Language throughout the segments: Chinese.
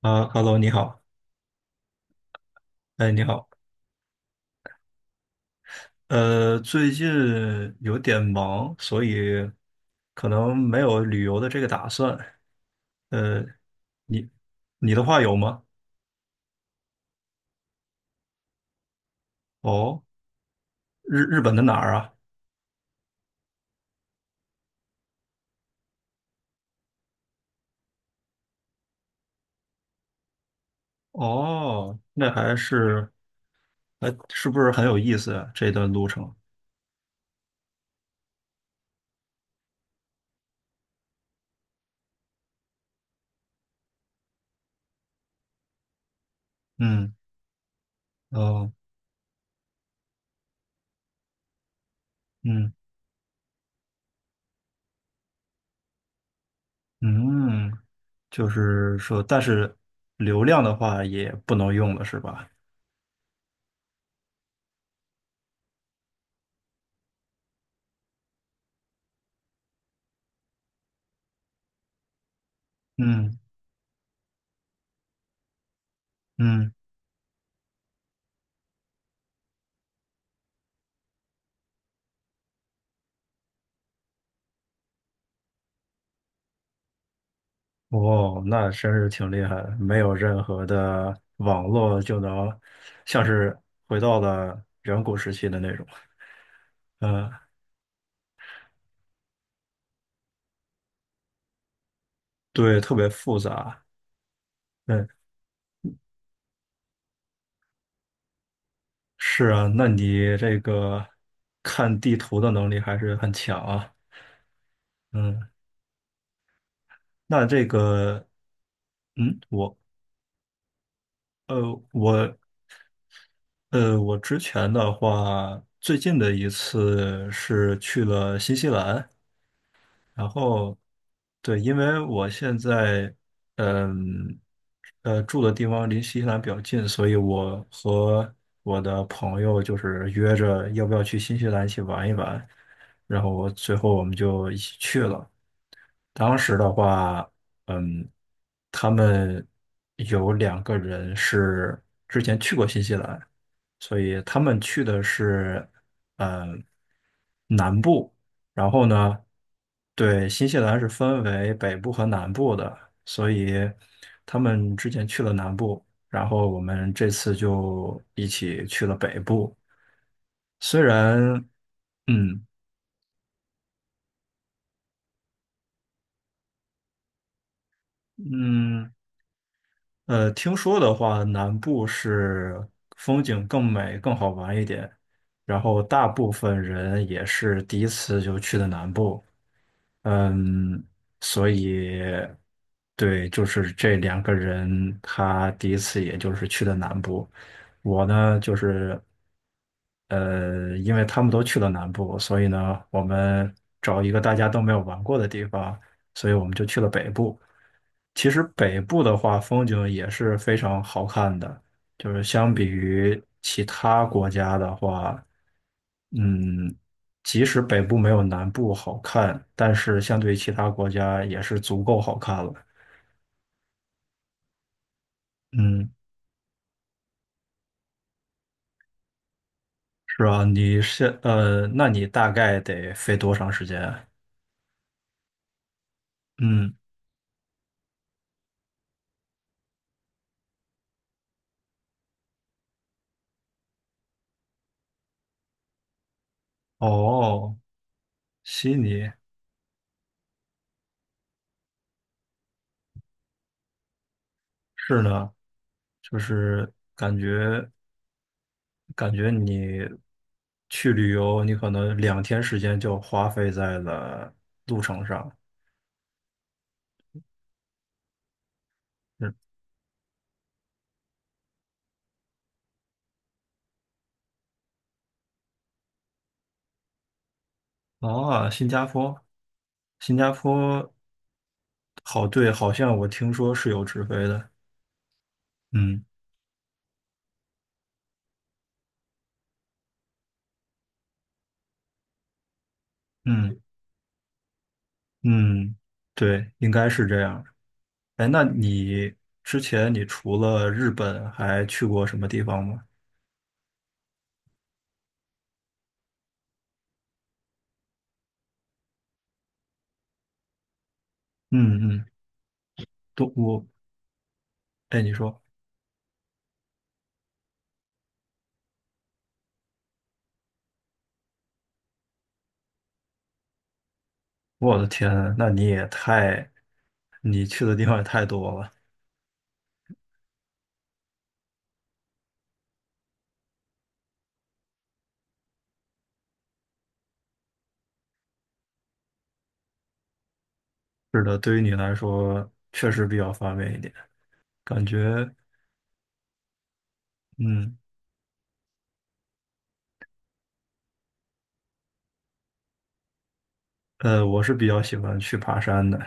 啊，Hello，你好。哎，你好。最近有点忙，所以可能没有旅游的这个打算。呃，你你的话有吗？哦，日本的哪儿啊？哦，那还是不是很有意思啊？这段路程，嗯。哦，嗯嗯，就是说，但是流量的话也不能用了，是吧？嗯嗯。哦，那真是挺厉害的，没有任何的网络就能，像是回到了远古时期的那种。嗯，对，特别复杂。嗯，是啊，那你这个看地图的能力还是很强啊。嗯，那这个，嗯，我，呃，我，我之前的话，最近的一次是去了新西兰。然后，对，因为我现在，嗯，住的地方离新西兰比较近，所以我和我的朋友就是约着要不要去新西兰一起玩一玩，然后我最后我们就一起去了。当时的话，嗯，他们有两个人是之前去过新西兰，所以他们去的是，嗯，南部。然后呢，对，新西兰是分为北部和南部的，所以他们之前去了南部，然后我们这次就一起去了北部。虽然，嗯嗯。听说的话，南部是风景更美、更好玩一点，然后大部分人也是第一次就去的南部。嗯，所以对，就是这两个人，他第一次也就是去的南部，我呢就是呃，因为他们都去了南部，所以呢，我们找一个大家都没有玩过的地方，所以我们就去了北部。其实北部的话，风景也是非常好看的，就是相比于其他国家的话，嗯，即使北部没有南部好看，但是相对于其他国家也是足够好看了。嗯，是啊，那你大概得飞多长时间啊。嗯，哦，悉尼是呢，就是感觉。感觉你去旅游，你可能两天时间就花费在了路程上。嗯，啊，新加坡，新加坡，好，对，好像我听说是有直飞的。嗯嗯嗯，对，应该是这样。哎，那你之前你除了日本还去过什么地方吗？嗯嗯，都我，哎，你说，我的天啊，那你也太，你去的地方也太多了。是的，对于你来说确实比较方便一点，感觉，嗯，我是比较喜欢去爬山的。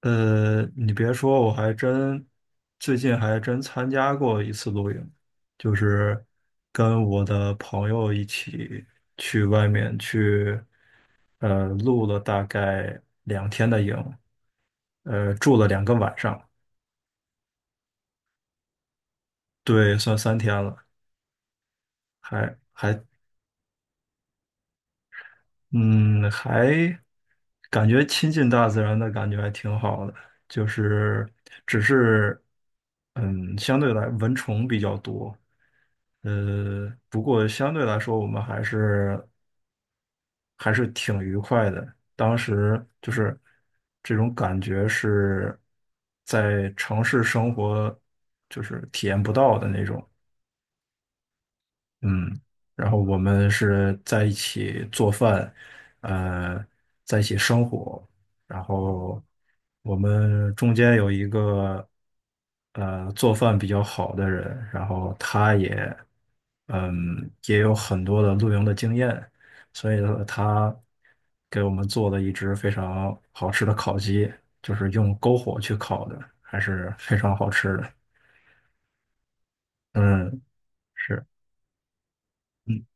你别说，我还真最近还真参加过一次露营，就是跟我的朋友一起去外面去，露了大概两天的营，住了两个晚上。对，算三天了，还还。嗯，还感觉亲近大自然的感觉还挺好的，就是只是，嗯，相对来蚊虫比较多。不过相对来说我们还是还是挺愉快的。当时就是这种感觉是在城市生活就是体验不到的那种。嗯，然后我们是在一起做饭，呃，在一起生活，然后我们中间有一个做饭比较好的人，然后他也也有很多的露营的经验，所以说他给我们做了一只非常好吃的烤鸡，就是用篝火去烤的，还是非常好吃的。嗯，是。嗯。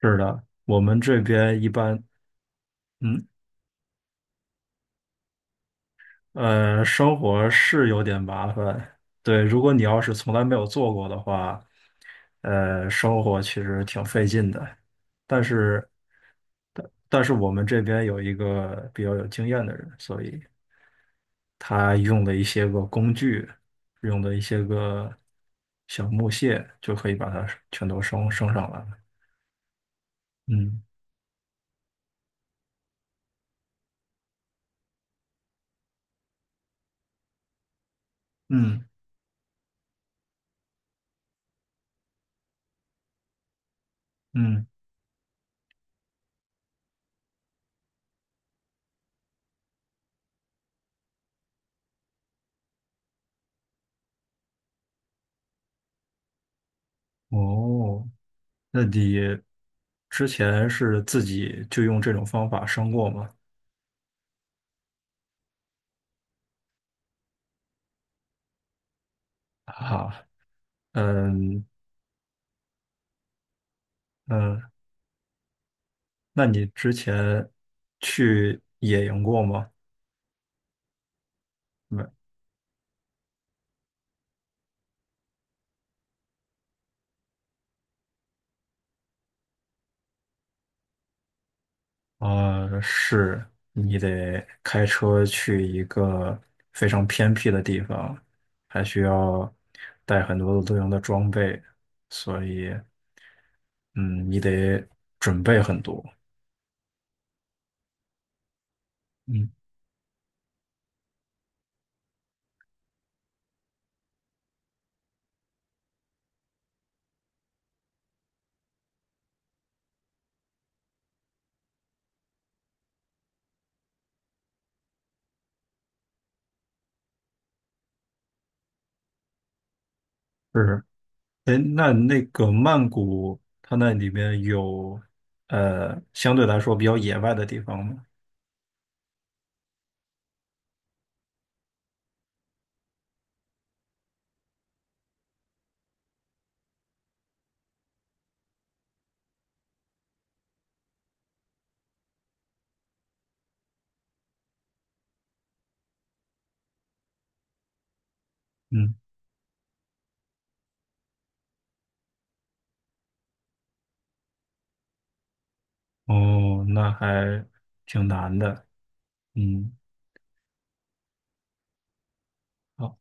是的，我们这边一般嗯，生活是有点麻烦。对，如果你要是从来没有做过的话，生活其实挺费劲的。但是，但是我们这边有一个比较有经验的人，所以他用的一些个工具，用的一些个小木屑，就可以把它全都升上来了。嗯嗯嗯。哦，那你之前是自己就用这种方法升过吗？好，嗯嗯，那你之前去野营过吗？没，是，你得开车去一个非常偏僻的地方，还需要带很多的露营的装备，所以，嗯，你得准备很多。嗯，是。哎，那那个曼谷，它那里面有相对来说比较野外的地方吗？嗯。哦，那还挺难的。嗯，好，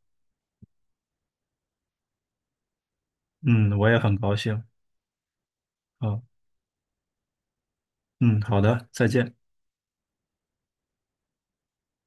嗯，我也很高兴。好，嗯，好的，再见。